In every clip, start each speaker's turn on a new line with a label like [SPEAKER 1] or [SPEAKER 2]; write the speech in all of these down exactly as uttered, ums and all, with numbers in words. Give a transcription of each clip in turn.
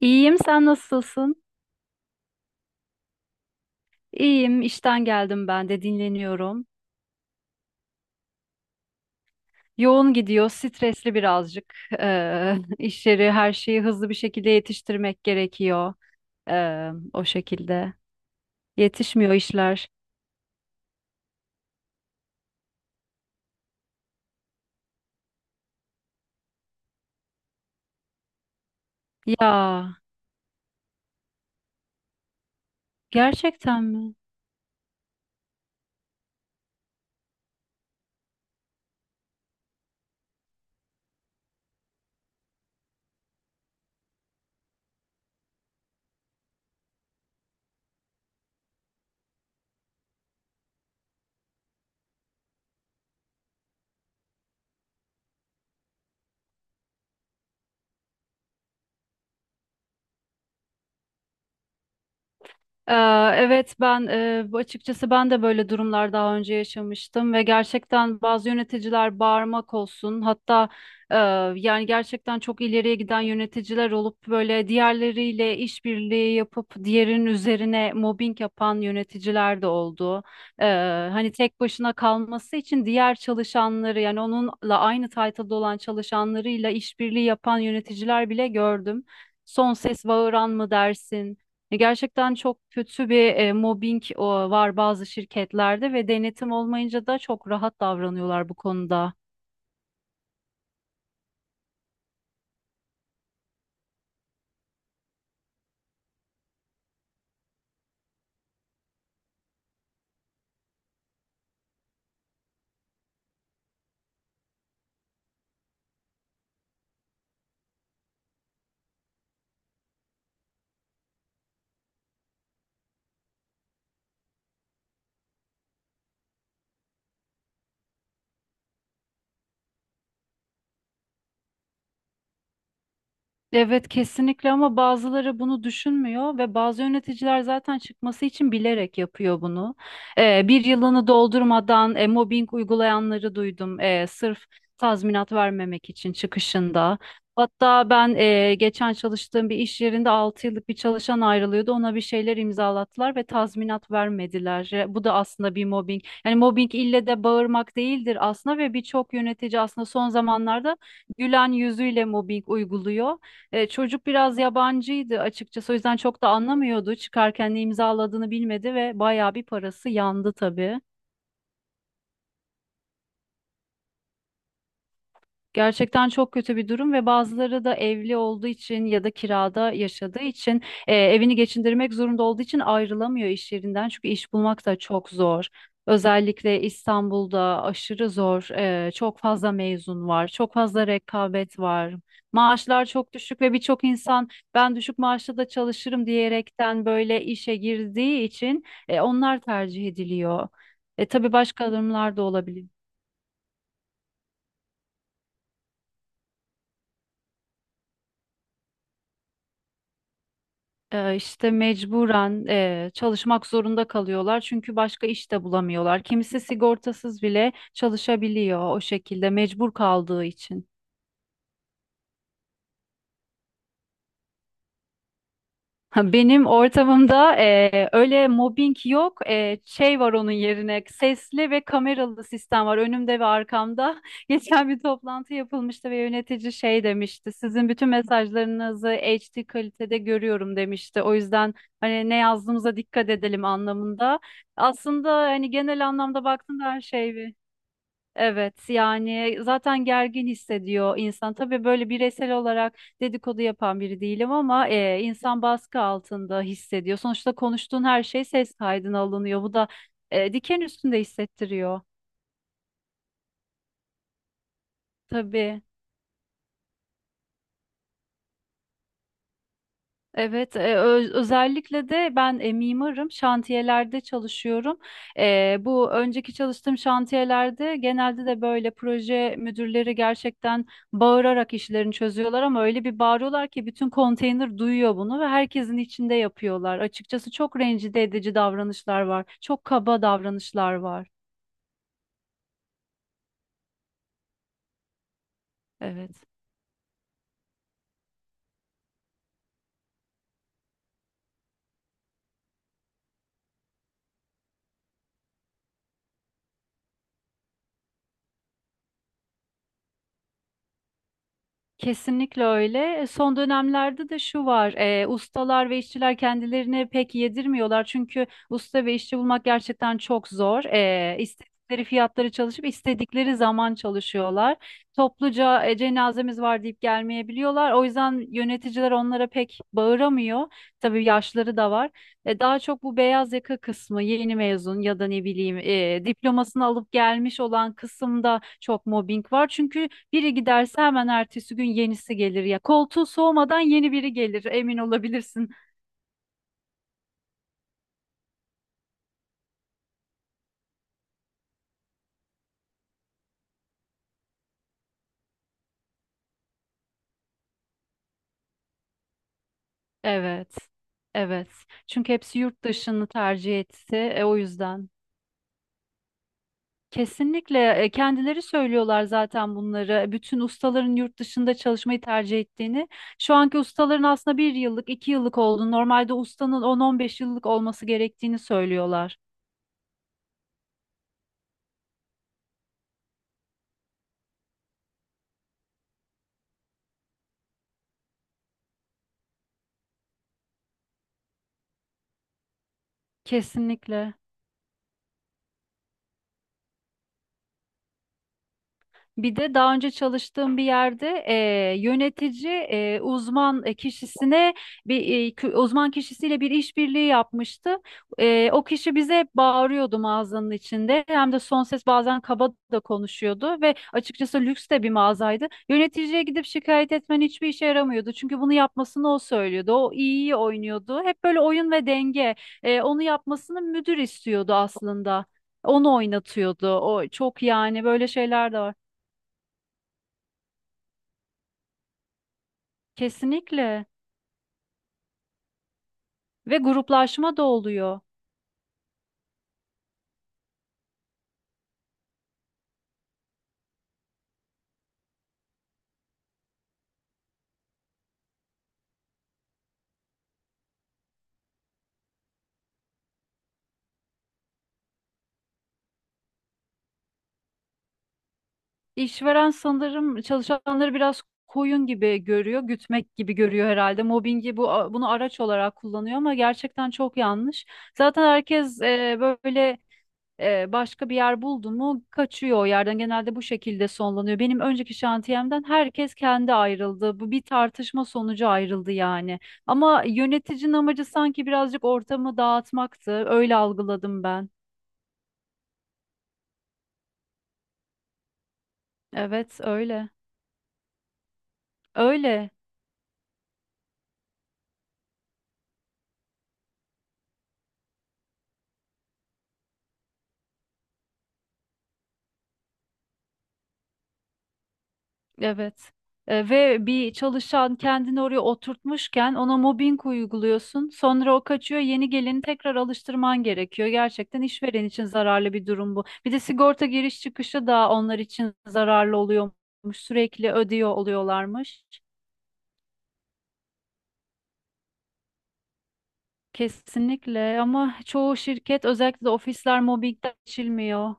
[SPEAKER 1] İyiyim, sen nasılsın? İyiyim, işten geldim ben de dinleniyorum. Yoğun gidiyor, stresli birazcık. Ee, işleri, her şeyi hızlı bir şekilde yetiştirmek gerekiyor. Ee, o şekilde. Yetişmiyor işler. Ya, gerçekten mi? Ee, Evet ben e, bu- açıkçası ben de böyle durumlar daha önce yaşamıştım ve gerçekten bazı yöneticiler bağırmak olsun hatta e, yani gerçekten çok ileriye giden yöneticiler olup böyle diğerleriyle işbirliği yapıp diğerinin üzerine mobbing yapan yöneticiler de oldu. Ee, hani tek başına kalması için diğer çalışanları yani onunla aynı title'da olan çalışanlarıyla işbirliği yapan yöneticiler bile gördüm. Son ses bağıran mı dersin? Gerçekten çok kötü bir e, mobbing o, var bazı şirketlerde ve denetim olmayınca da çok rahat davranıyorlar bu konuda. Evet kesinlikle ama bazıları bunu düşünmüyor ve bazı yöneticiler zaten çıkması için bilerek yapıyor bunu. Ee, bir yılını doldurmadan e, mobbing uygulayanları duydum, e, sırf tazminat vermemek için çıkışında. Hatta ben e, geçen çalıştığım bir iş yerinde altı yıllık bir çalışan ayrılıyordu. Ona bir şeyler imzalattılar ve tazminat vermediler. E, Bu da aslında bir mobbing. Yani mobbing ille de bağırmak değildir aslında ve birçok yönetici aslında son zamanlarda gülen yüzüyle mobbing uyguluyor. E, çocuk biraz yabancıydı açıkçası o yüzden çok da anlamıyordu. Çıkarken ne imzaladığını bilmedi ve bayağı bir parası yandı tabii. Gerçekten çok kötü bir durum ve bazıları da evli olduğu için ya da kirada yaşadığı için e, evini geçindirmek zorunda olduğu için ayrılamıyor iş yerinden. Çünkü iş bulmak da çok zor. Özellikle İstanbul'da aşırı zor. E, çok fazla mezun var, çok fazla rekabet var. Maaşlar çok düşük ve birçok insan ben düşük maaşla da çalışırım diyerekten böyle işe girdiği için e, onlar tercih ediliyor. E, tabii başka durumlar da olabilir. e, işte mecburen e, çalışmak zorunda kalıyorlar çünkü başka iş de bulamıyorlar. Kimisi sigortasız bile çalışabiliyor o şekilde mecbur kaldığı için. Ha, Benim ortamımda eee, öyle mobbing yok. Eee, şey var onun yerine, sesli ve kameralı sistem var önümde ve arkamda. Geçen bir toplantı yapılmıştı ve yönetici şey demişti: sizin bütün mesajlarınızı H D kalitede görüyorum demişti. O yüzden hani ne yazdığımıza dikkat edelim anlamında. Aslında hani genel anlamda baktığında her şey evet, yani zaten gergin hissediyor insan. Tabii böyle bireysel olarak dedikodu yapan biri değilim ama e, insan baskı altında hissediyor. Sonuçta konuştuğun her şey ses kaydına alınıyor. Bu da e, diken üstünde hissettiriyor. Tabii. Evet, e, ö- özellikle de ben e, mimarım, şantiyelerde çalışıyorum. E, bu önceki çalıştığım şantiyelerde genelde de böyle proje müdürleri gerçekten bağırarak işlerini çözüyorlar ama öyle bir bağırıyorlar ki bütün konteyner duyuyor bunu ve herkesin içinde yapıyorlar. Açıkçası çok rencide edici davranışlar var, çok kaba davranışlar var. Evet. Kesinlikle öyle. E, Son dönemlerde de şu var, e, ustalar ve işçiler kendilerini pek yedirmiyorlar çünkü usta ve işçi bulmak gerçekten çok zor. E, istedikleri fiyatları çalışıp istedikleri zaman çalışıyorlar. Topluca e, cenazemiz var deyip gelmeyebiliyorlar. O yüzden yöneticiler onlara pek bağıramıyor. Tabii yaşları da var. E, daha çok bu beyaz yaka kısmı, yeni mezun ya da ne bileyim, e, diplomasını alıp gelmiş olan kısımda çok mobbing var. Çünkü biri giderse hemen ertesi gün yenisi gelir ya. Koltuğu soğumadan yeni biri gelir, emin olabilirsin. Evet. Evet. Çünkü hepsi yurt dışını tercih etti. E, o yüzden. Kesinlikle, e, kendileri söylüyorlar zaten bunları. Bütün ustaların yurt dışında çalışmayı tercih ettiğini. Şu anki ustaların aslında bir yıllık, iki yıllık olduğunu, normalde ustanın on, on beş yıllık olması gerektiğini söylüyorlar. Kesinlikle. Bir de daha önce çalıştığım bir yerde e, yönetici e, uzman e, kişisine bir e, kü- uzman kişisiyle bir işbirliği yapmıştı. E, o kişi bize hep bağırıyordu mağazanın içinde. Hem de son ses, bazen kaba da konuşuyordu ve açıkçası lüks de bir mağazaydı. Yöneticiye gidip şikayet etmen hiçbir işe yaramıyordu. Çünkü bunu yapmasını o söylüyordu. O iyi oynuyordu. Hep böyle oyun ve denge. E, onu yapmasını müdür istiyordu aslında. Onu oynatıyordu. O çok, yani böyle şeyler de var. Kesinlikle. Ve gruplaşma da oluyor. İşveren sanırım çalışanları biraz koyun gibi görüyor, gütmek gibi görüyor herhalde. Mobbingi bu bunu araç olarak kullanıyor ama gerçekten çok yanlış. Zaten herkes e, böyle, e, başka bir yer buldu mu kaçıyor o yerden. Genelde bu şekilde sonlanıyor. Benim önceki şantiyemden herkes kendi ayrıldı. Bu bir tartışma sonucu ayrıldı yani. Ama yöneticinin amacı sanki birazcık ortamı dağıtmaktı. Öyle algıladım ben. Evet, öyle. Öyle, evet. E, ve bir çalışan kendini oraya oturtmuşken ona mobbing uyguluyorsun. Sonra o kaçıyor, yeni geleni tekrar alıştırman gerekiyor. Gerçekten işveren için zararlı bir durum bu. Bir de sigorta giriş çıkışı da onlar için zararlı oluyormuş. Sürekli ödüyor oluyorlarmış. Kesinlikle ama çoğu şirket, özellikle de ofisler mobbingden geçilmiyor.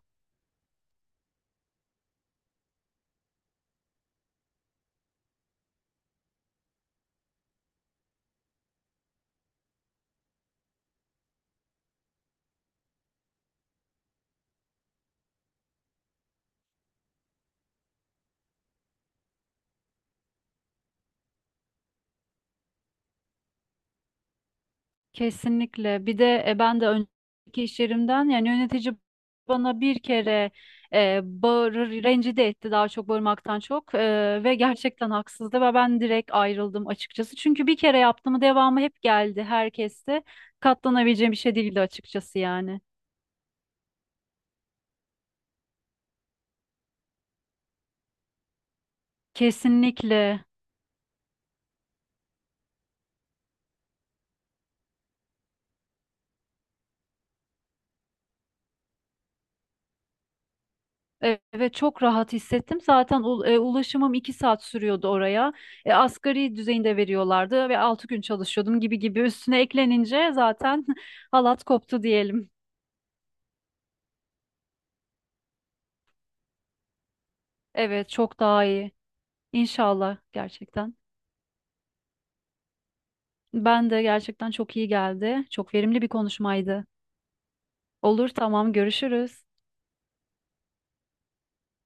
[SPEAKER 1] Kesinlikle. Bir de e, ben de önceki iş yerimden, yani yönetici bana bir kere e, bağırır, rencide etti daha çok bağırmaktan çok. E, ve gerçekten haksızdı ve ben direkt ayrıldım açıkçası. Çünkü bir kere yaptığımı devamı hep geldi herkeste. Katlanabileceğim bir şey değildi açıkçası yani. Kesinlikle. Evet, çok rahat hissettim. Zaten u- e, ulaşımım iki saat sürüyordu oraya. E, asgari düzeyinde veriyorlardı ve altı gün çalışıyordum, gibi gibi üstüne eklenince zaten halat koptu diyelim. Evet, çok daha iyi. İnşallah gerçekten. Ben de gerçekten çok iyi geldi. Çok verimli bir konuşmaydı. Olur, tamam, görüşürüz.